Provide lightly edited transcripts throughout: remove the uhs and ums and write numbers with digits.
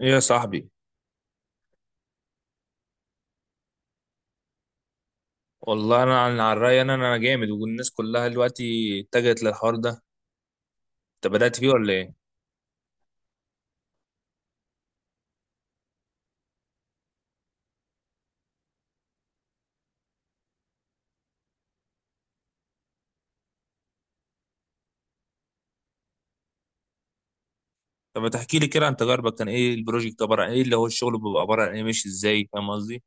ايه يا صاحبي. والله انا عن على الراي، انا جامد، والناس كلها دلوقتي اتجهت للحوار ده. انت بدأت فيه ولا ايه؟ طب ما تحكي لي كده عن تجاربك، كان ايه البروجكت عباره عن ايه، اللي هو الشغل بيبقى عباره عن ايه، ماشي ازاي؟ فاهم قصدي؟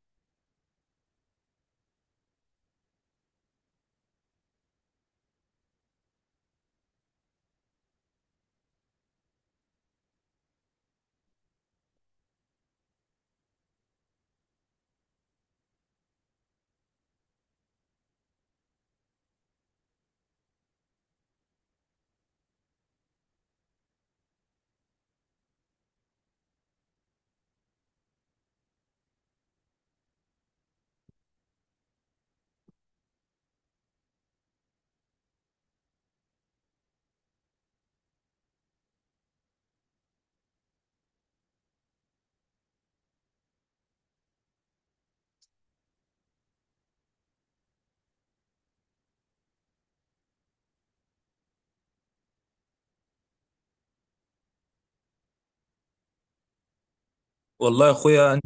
والله يا اخويا،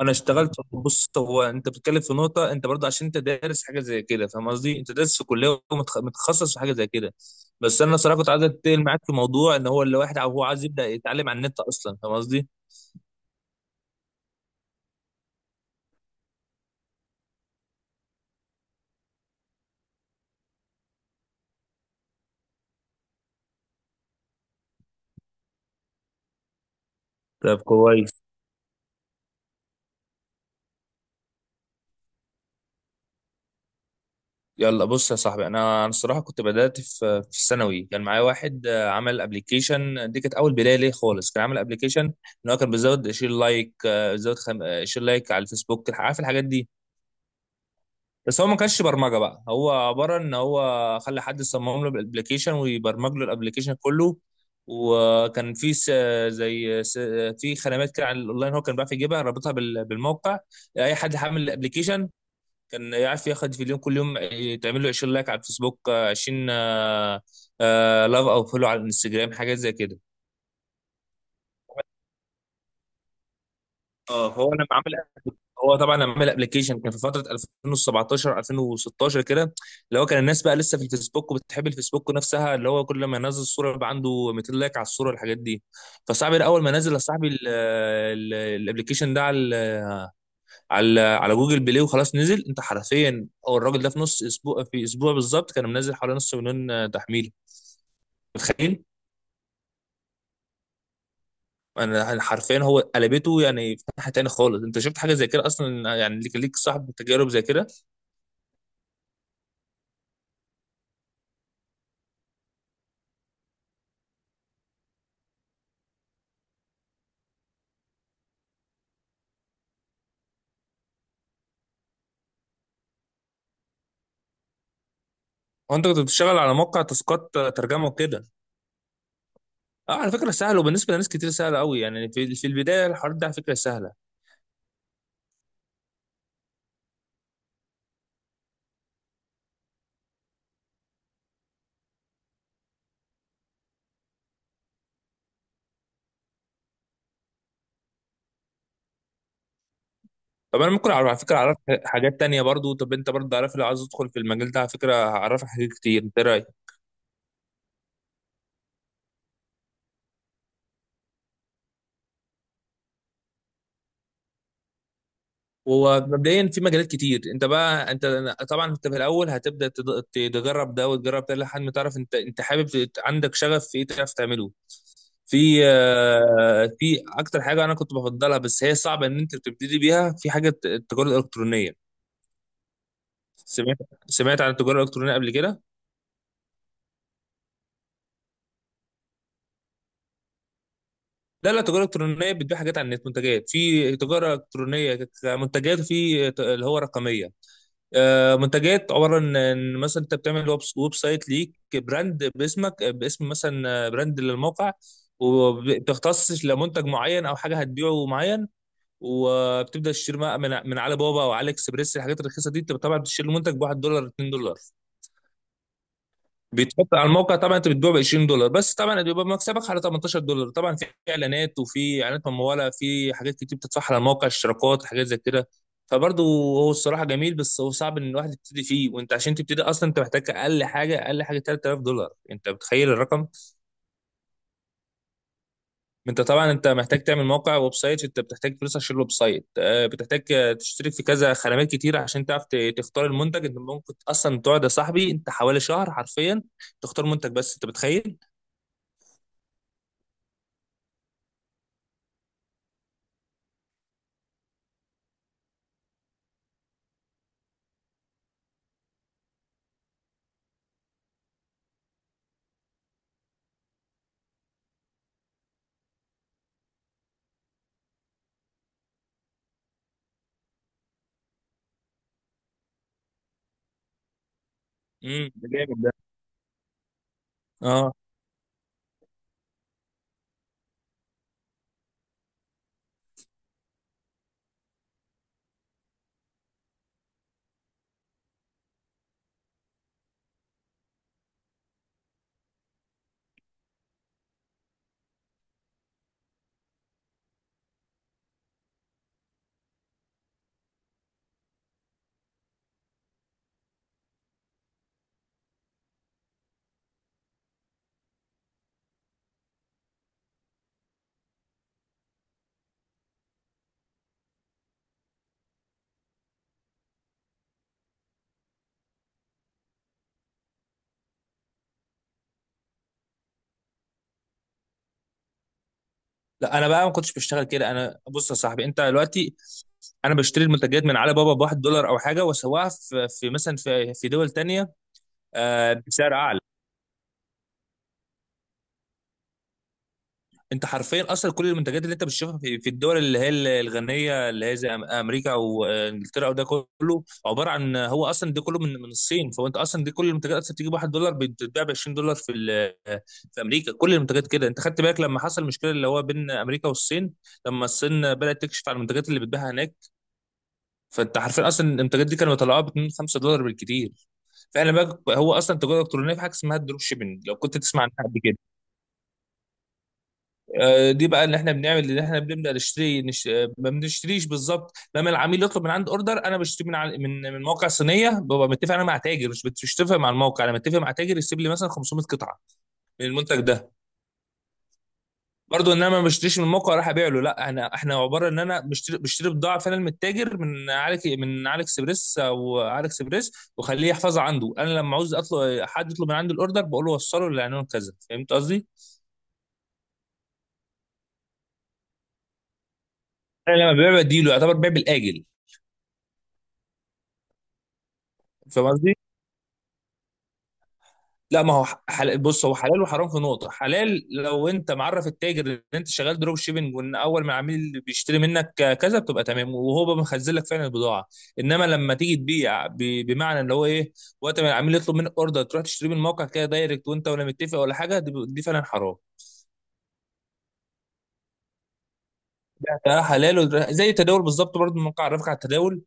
انا اشتغلت. بص، هو انت بتتكلم في نقطه، انت برضه عشان انت دارس حاجه زي كده، فاهم قصدي؟ انت دارس في كليه ومتخصص في حاجه زي كده. بس انا صراحه كنت عايز اتكلم معاك في موضوع ان هو اللي واحد هو عايز يبدا يتعلم على النت اصلا. فاهم قصدي؟ طب كويس. يلا بص يا صاحبي، انا الصراحه كنت بدات في الثانوي. كان معايا واحد عمل ابلكيشن، دي كانت اول بدايه ليه خالص. كان عامل ابلكيشن ان هو كان بيزود شير لايك، آه، بيزود خم... آه، شير لايك على الفيسبوك، عارف الحاجات دي. بس هو ما كانش برمجه بقى، هو عباره ان هو خلى حد يصمم له الابلكيشن ويبرمج له الابلكيشن كله. وكان في زي س... في خدمات كده على الاونلاين، هو كان بيعرف يجيبها رابطها بالموقع. اي حد حامل الابلكيشن كان يعرف ياخد فيديو كل يوم، تعمل له 20 لايك على الفيسبوك، 20 لاف او فولو على الانستجرام، حاجات زي كده. اه، هو لما عمل، هو طبعا لما عمل ابلكيشن كان في فتره 2017 2016 كده. اللي هو كان الناس بقى لسه في الفيسبوك وبتحب الفيسبوك نفسها، اللي هو كل ما ينزل صوره يبقى عنده 200 لايك على الصوره والحاجات دي. فصاحبي اول ما نزل يا صاحبي الابلكيشن ده على على جوجل بلاي، وخلاص نزل. انت حرفيا، هو الراجل ده في نص اسبوع، في اسبوع بالظبط، كان منزل حوالي نص مليون تحميل. متخيل؟ انا حرفيا هو قلبته يعني في ناحيه تاني خالص. انت شفت حاجه زي كده اصلا؟ يعني ليك صاحب تجارب زي كده؟ هو انت كنت بتشتغل على موقع تاسكات ترجمه وكده؟ اه، على فكره سهل، وبالنسبه لناس كتير سهل قوي يعني. في البدايه الحوار ده على فكره سهله. طب انا ممكن على فكره اعرف حاجات تانية برضو. طب انت برضو عارف، لو عايز ادخل في المجال ده على فكره هعرفك حاجات كتير. انت إيه رايك؟ ومبدئيا في مجالات كتير. انت بقى انت طبعا انت في الاول هتبدا تجرب ده وتجرب ده لحد ما تعرف انت، انت حابب عندك شغف في ايه تعرف تعمله. في في اكتر حاجه انا كنت بفضلها، بس هي صعبه ان انت تبتدي بيها، في حاجه التجاره الالكترونيه. سمعت سمعت عن التجاره الالكترونيه قبل كده؟ لا لا، التجاره الالكترونيه بتبيع حاجات على النت، منتجات. في تجاره الكترونيه كمنتجات، وفي اللي هو رقميه. منتجات عباره عن إن مثلا انت بتعمل ويب سايت ليك، براند باسمك، باسم مثلا، براند للموقع، وبتختص لمنتج معين او حاجه هتبيعه معين. وبتبدا تشتري بقى من علي بابا او علي اكسبريس الحاجات الرخيصه دي. انت طبعا بتشتري المنتج ب $1، $2، بيتحط على الموقع. طبعا انت بتبيع ب $20، بس طبعا بيبقى مكسبك على $18. طبعا في اعلانات، وفي اعلانات مموله، في حاجات كتير بتدفعها على الموقع، اشتراكات، حاجات زي كده. فبرضه هو الصراحه جميل، بس هو صعب ان الواحد يبتدي فيه. وانت عشان تبتدي اصلا انت محتاج اقل حاجه، اقل حاجه $3000. انت متخيل الرقم؟ انت طبعا انت محتاج تعمل موقع ويب سايت، انت بتحتاج فلوس عشان الويب سايت، بتحتاج تشترك في كذا خدمات كتير عشان تعرف تختار المنتج. انت ممكن اصلا تقعد يا صاحبي انت حوالي شهر حرفيا تختار منتج، بس انت متخيل؟ ده جامد ده. اه. لا، انا بقى ما كنتش بشتغل كده. انا بص يا صاحبي، انت دلوقتي، انا بشتري المنتجات من علي بابا بواحد دولار او حاجه، واسواها في مثلا في دول تانية. بسعر اعلى. انت حرفيا اصلا كل المنتجات اللي انت بتشوفها في الدول اللي هي الغنيه، اللي هي زي امريكا وانجلترا وده، كله عباره عن، هو اصلا ده كله من الصين. فانت اصلا دي كل المنتجات اصلا بتيجي ب $1 بتتباع ب $20 في امريكا. كل المنتجات كده. انت خدت بالك لما حصل المشكله اللي هو بين امريكا والصين، لما الصين بدات تكشف على المنتجات اللي بتباعها هناك؟ فانت حرفيا اصلا المنتجات دي كانوا بيطلعوها ب 2 $5 بالكتير. فاحنا بقى، هو اصلا التجاره الالكترونيه في حاجه اسمها الدروب شيبنج، لو كنت تسمع عنها قبل كده. دي بقى اللي احنا بنعمل، اللي احنا بنبدا نشتري نش... آه، ما بنشتريش بالظبط. لما العميل يطلب من عند اوردر، انا بشتري من من موقع صينيه. ببقى متفق انا مع تاجر، مش مش متفق مع الموقع. انا متفق مع تاجر يسيب لي مثلا 500 قطعه من المنتج ده. برضو ان انا ما بشتريش من الموقع راح ابيع له، لا. انا احنا عباره ان انا بشتري بضاعه فعلا من التاجر، من عليك، من عليك اكسبريس او عليك اكسبريس، واخليه يحفظها عنده. انا لما عاوز اطلب، حد يطلب من عندي الاوردر، بقول له وصله للعنوان كذا. فهمت قصدي؟ انا لما ببيع بديله، يعتبر بيع بالاجل. فاهم قصدي؟ لا، ما هو حلال. بص، هو حلال وحرام في نقطة. حلال لو انت معرف التاجر ان انت شغال دروب شيبنج، وان اول ما العميل اللي بيشتري منك كذا بتبقى تمام، وهو بقى مخزن لك فعلا البضاعة. انما لما تيجي تبيع بمعنى اللي هو ايه، وقت ما العميل يطلب منك اوردر تروح تشتري من الموقع كده دايركت، وانت ولا متفق ولا حاجة، دي فعلا حرام. ده حلال. زي التداول بالظبط برضه. الموقع عرفك على التداول؟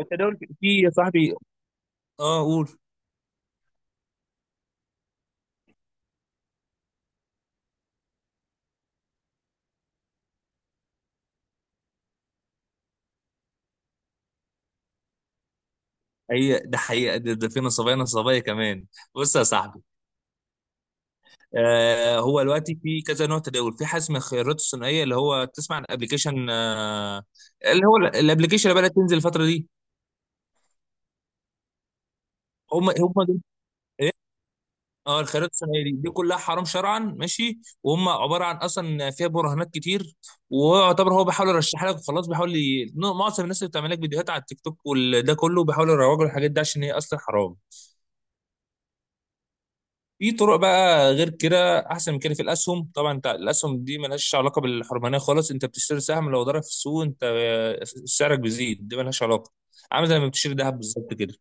التداول في يا صاحبي. اه قول. هي ده حقيقة، ده في نصابية، نصابية كمان. بص يا صاحبي، هو دلوقتي في كذا نوع تداول. في حجم الخيارات الثنائيه، اللي هو تسمع عن ابلكيشن، اللي هو الابلكيشن اللي بدات تنزل الفتره دي. هم هم دول. إيه؟ اه، الخيارات الثنائيه دي، كلها حرام شرعا، ماشي. وهم عباره عن اصلا فيها براهنات كتير، ويعتبر هو بيحاول يرشح لك وخلاص، بيحاول معظم الناس اللي بتعمل لك فيديوهات على التيك توك وده كله بيحاولوا يروجوا الحاجات دي عشان هي اصلا حرام. في طرق بقى غير كده احسن من كده، في الاسهم طبعا، انت الاسهم دي ملهاش علاقه بالحرمانيه خالص. انت بتشتري سهم، لو ضرب في السوق انت سعرك بيزيد، دي ملهاش علاقه. عامل زي ما بتشتري ذهب بالظبط كده.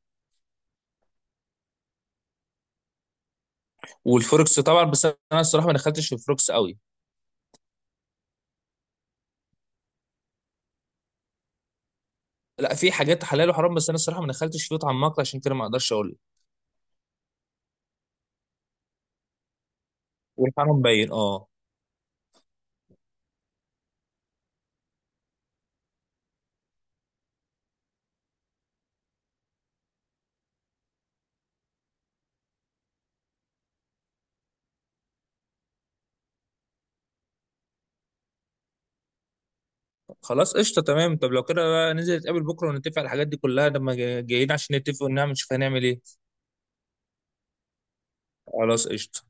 والفوركس طبعا، بس انا الصراحه ما دخلتش في الفوركس قوي. لا، في حاجات حلال وحرام، بس انا الصراحه ما دخلتش فيه اتعمقت، عشان كده ما اقدرش اقول لك. والحرام باين، اه. خلاص قشطه تمام. طب لو كده بقى ننزل نتقابل بكره ونتفق على الحاجات دي كلها، لما جايين عشان نتفق ونعمل نشوف هنعمل ايه. خلاص قشطه.